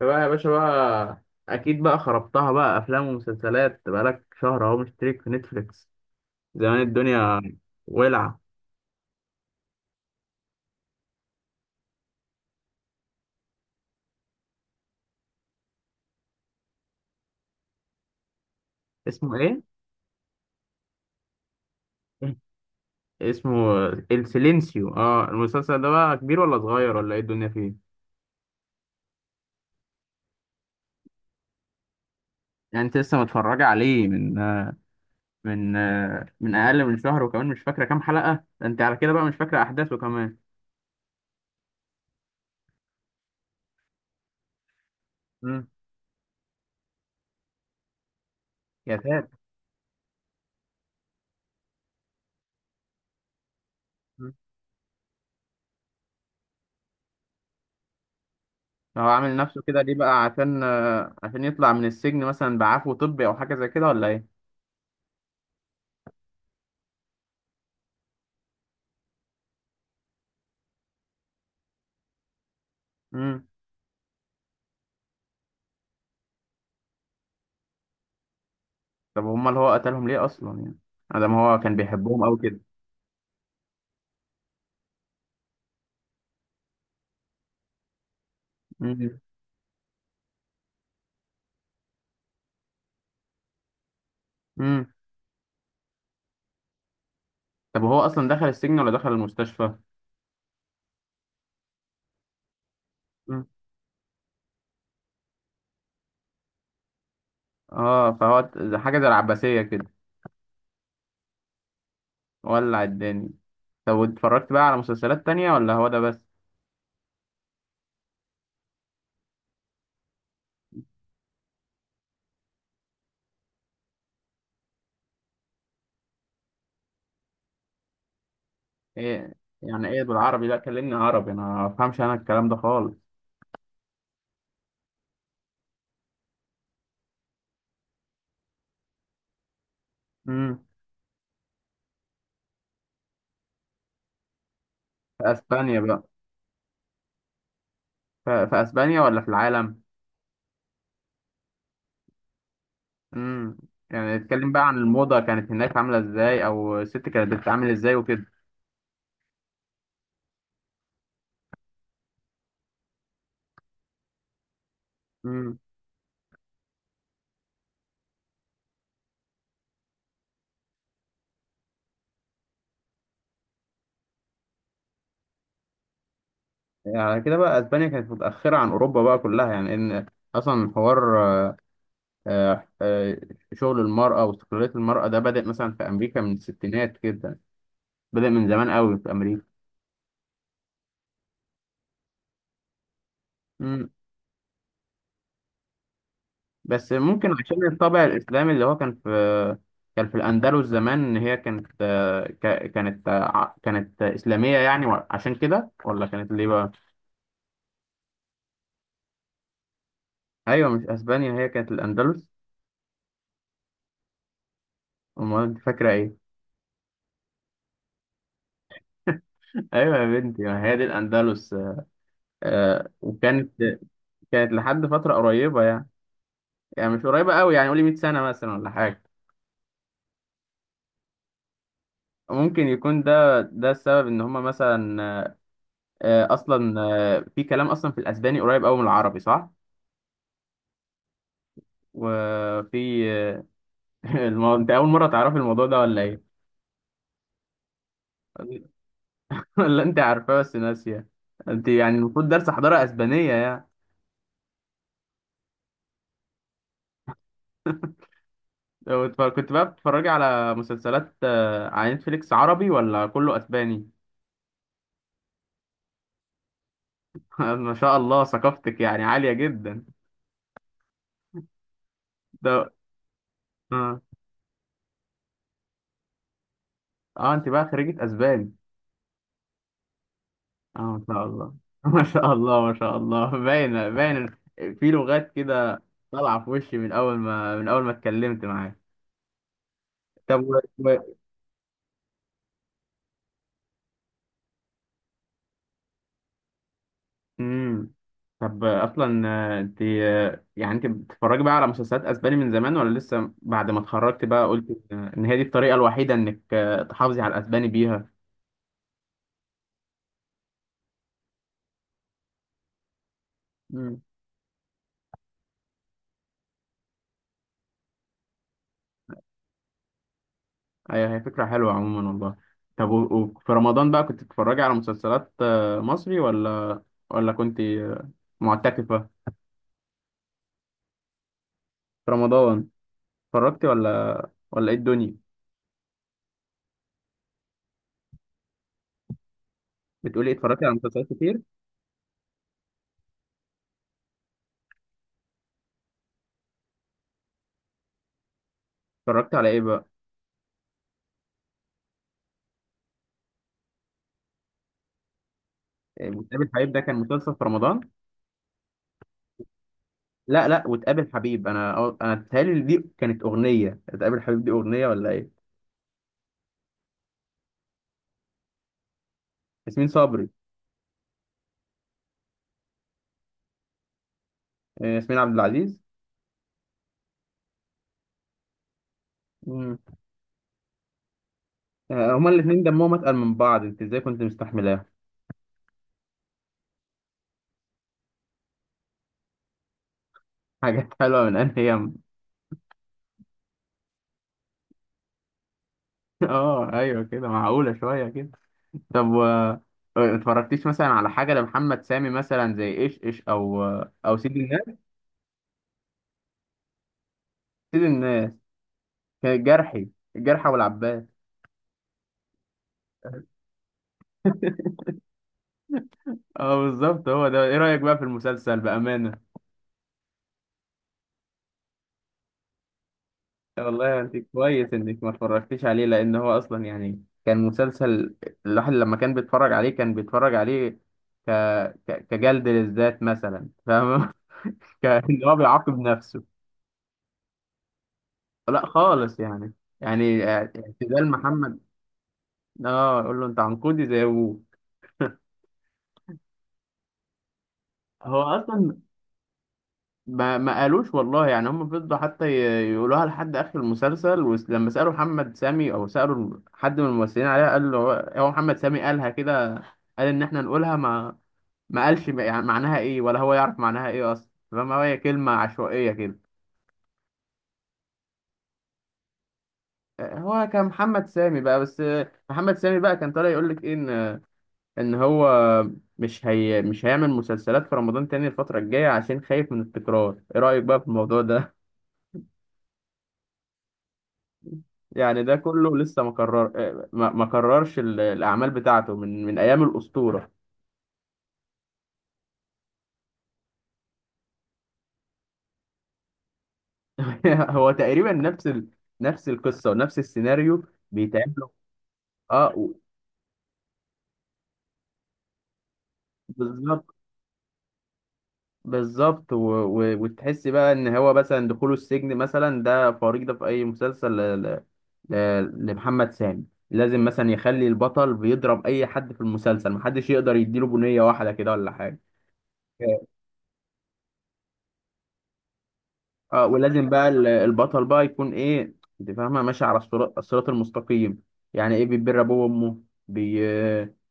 بقى يا باشا بقى. اكيد بقى خربتها بقى، افلام ومسلسلات بقالك شهر اهو مشترك في نتفليكس. زمان الدنيا ولعه. اسمه ايه؟ اسمه السيلينسيو. اه المسلسل ده بقى كبير ولا صغير ولا ايه الدنيا فيه؟ يعني انت لسه متفرجه عليه من من من اقل من شهر وكمان مش فاكره كام حلقه؟ ده انت على كده بقى مش فاكره احداثه كمان. امم. يا ساتر. مم. هو عامل نفسه كده ليه بقى؟ عشان عشان يطلع من السجن مثلا بعفو طبي او حاجه زي كده، ولا ايه؟ طب هما اللي هو قتلهم ليه اصلا؟ يعني ادم هو كان بيحبهم قوي كده. امم. امم. طب هو اصلا دخل السجن ولا دخل المستشفى؟ مم. اه فهو حاجه زي العباسيه كده، ولع الدنيا. طب واتفرجت بقى على مسلسلات تانية ولا هو ده بس؟ ايه يعني ايه بالعربي؟ لا كلمني عربي، انا ما افهمش انا الكلام ده خالص. امم. في اسبانيا بقى؟ في اسبانيا ولا في العالم؟ امم. يعني اتكلم بقى عن الموضة كانت هناك عاملة ازاي، او الست كانت بتتعامل ازاي وكده؟ يعني على كده بقى اسبانيا كانت متاخره عن اوروبا بقى كلها، يعني ان اصلا حوار آه، آه، شغل المراه واستقلاليه المراه ده بدا مثلا في امريكا من الستينات كده، بدا من زمان قوي في امريكا. مم. بس ممكن عشان الطابع الاسلامي اللي هو كان في، كان في الاندلس زمان، ان هي كانت كانت كانت اسلاميه يعني، عشان كده ولا كانت ليه بقى؟ ايوه مش اسبانيا هي كانت الاندلس. امال انت فاكره ايه؟ ايوه يا بنتي، ما هي دي الاندلس. وكانت كانت لحد فترة قريبة يعني، يعني مش قريبة قوي، يعني قولي 100 سنة مثلا ولا حاجة. ممكن يكون ده ده السبب ان هما مثلا اصلا في كلام اصلا في الاسباني قريب قوي من العربي، صح؟ وفي انت اول مرة تعرفي الموضوع ده ولا ايه؟ ولا انت عارفاه بس ناسية؟ انت يعني المفروض درس حضارة اسبانية يعني. كنت بقى بتتفرجي على مسلسلات على نتفليكس عربي ولا كله اسباني؟ ما شاء الله، ثقافتك يعني عالية جدا ده. آه. اه انت بقى خريجة اسباني؟ اه ما شاء الله ما شاء الله، ما شاء الله، باين باين في لغات كده طالعة في وشي من اول ما من اول ما اتكلمت معاك. طب مم. طب اصلا انت يعني انت بتتفرجي بقى على مسلسلات اسباني من زمان، ولا لسه بعد ما اتخرجت بقى قلت ان إن هي دي الطريقة الوحيدة انك تحافظي على الاسباني بيها؟ ايوه هي فكرة حلوة عموما والله. طب و- وفي رمضان بقى كنت بتتفرجي على مسلسلات مصري، ولا ولا كنت معتكفة في رمضان؟ اتفرجتي ولا ولا ايه الدنيا؟ بتقولي إيه، اتفرجتي على مسلسلات كتير؟ اتفرجتي على ايه بقى؟ إيه، وتقابل حبيب ده كان مسلسل في رمضان؟ لا لا وتقابل حبيب، انا انا بتهيألي دي كانت اغنية، تقابل حبيب دي اغنية ولا ايه؟ ياسمين صبري؟ ياسمين عبد العزيز. مم. آه، هما الاثنين دمهم اتقل من بعض، انت ازاي كنت مستحملاها؟ حاجات حلوة من انهي؟ اه ايوه كده معقولة شوية كده. طب و ما اتفرجتيش مثلا على حاجة لمحمد سامي مثلا، زي ايش ايش او او سيد الناس؟ سيد الناس كان الجرحي، الجرحى والعباس. اه بالظبط هو ده. ايه رأيك بقى في المسلسل بأمانة؟ والله انت كويس انك ما اتفرجتيش عليه، لان هو اصلا يعني كان مسلسل الواحد لما كان بيتفرج عليه كان بيتفرج عليه ك... كجلد للذات مثلا، فاهم؟ ان هو بيعاقب نفسه. لا خالص يعني، يعني اعتزال محمد. اه يقول له انت عنقودي زي ابوك. هو اصلا ما قالوش والله، يعني هم فضلوا حتى يقولوها لحد اخر المسلسل، ولما سالوا محمد سامي او سالوا حد من الممثلين عليها قال له هو، هو محمد سامي قالها كده، قال ان احنا نقولها ما ما قالش يعني معناها ايه، ولا هو يعرف معناها ايه اصلا، فما هي كلمه عشوائيه كده. آه، هو كان محمد سامي بقى بس، آه، محمد سامي بقى كان طالع يقول لك ايه ان هو مش هي مش هيعمل مسلسلات في رمضان تاني الفترة الجاية عشان خايف من التكرار. ايه رأيك بقى في الموضوع ده؟ يعني ده كله لسه ما قرر ما قررش الاعمال بتاعته من ايام الأسطورة. هو تقريبا نفس نفس القصة ونفس السيناريو بيتعمل اه بالظبط، بالظبط وتحس بقى ان هو مثلا دخوله السجن مثلا ده فريضة في اي مسلسل لمحمد سامي. لازم مثلا يخلي البطل بيضرب اي حد في المسلسل، محدش يقدر يديله بنية واحدة كده ولا حاجة. اه ولازم بقى البطل بقى يكون ايه، انت فاهمه، ماشي على الصراط المستقيم، يعني ايه بيبر ابوه وامه، بي...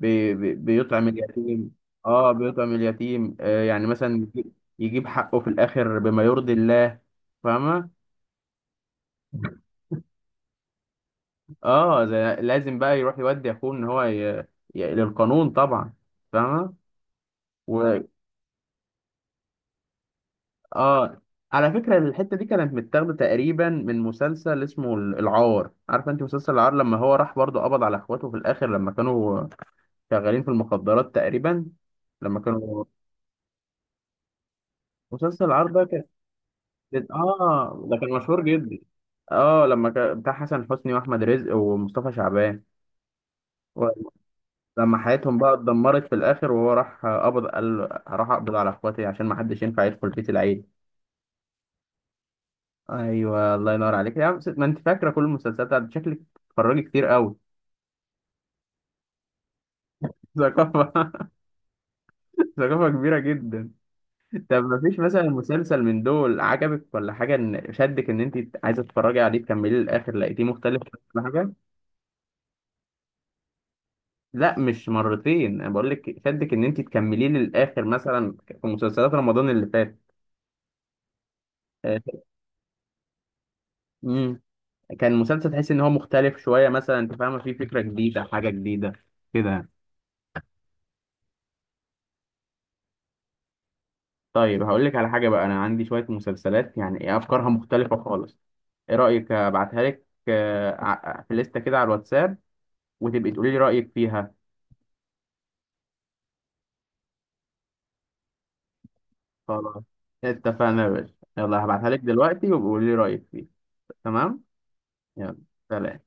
بيطعم اليتيم. اه بيطعم اليتيم، آه يعني مثلا يجيب حقه في الاخر بما يرضي الله، فاهمه؟ لازم بقى يروح يودي اخوه ان هو للقانون طبعا، فاهمه؟ و... اه على فكرة الحتة دي كانت متاخدة تقريبا من مسلسل اسمه العار، عارفة انت مسلسل العار لما هو راح برضه قبض على اخواته في الاخر لما كانوا شغالين في المخدرات تقريبا، لما كانوا، مسلسل العار ده كان، اه ده كان مشهور جدا، اه لما كان بتاع حسن حسني واحمد رزق ومصطفى شعبان، ولما حياتهم بقى اتدمرت في الاخر وهو راح قبض قال راح اقبض على اخواتي عشان ما حدش ينفع يدخل بيت العيل. ايوه الله ينور عليك يا عم، ما انت فاكره كل المسلسلات شكلك بتتفرجي كتير قوي. ثقافه، ثقافه كبيره جدا. طب ما فيش مثلا مسلسل من دول عجبك ولا حاجه ان شدك ان انت عايزه تتفرجي عليه تكمليه للاخر لقيتيه مختلف ولا حاجه؟ لا مش مرتين، انا بقول لك شدك ان انت تكمليه للاخر، مثلا في مسلسلات رمضان اللي فات. آه، امم. كان مسلسل تحس ان هو مختلف شويه مثلا، انت فاهمه، فيه فكره جديده، حاجه جديده كده؟ طيب هقول لك على حاجة بقى، أنا عندي شوية مسلسلات يعني إيه أفكارها مختلفة خالص. إيه رأيك أبعتها لك في لستة كده على الواتساب، وتبقي تقولي لي رأيك فيها؟ خلاص اتفقنا يا باشا، يلا هبعتها لك دلوقتي وبقولي لي رأيك فيها. تمام. يلا سلام.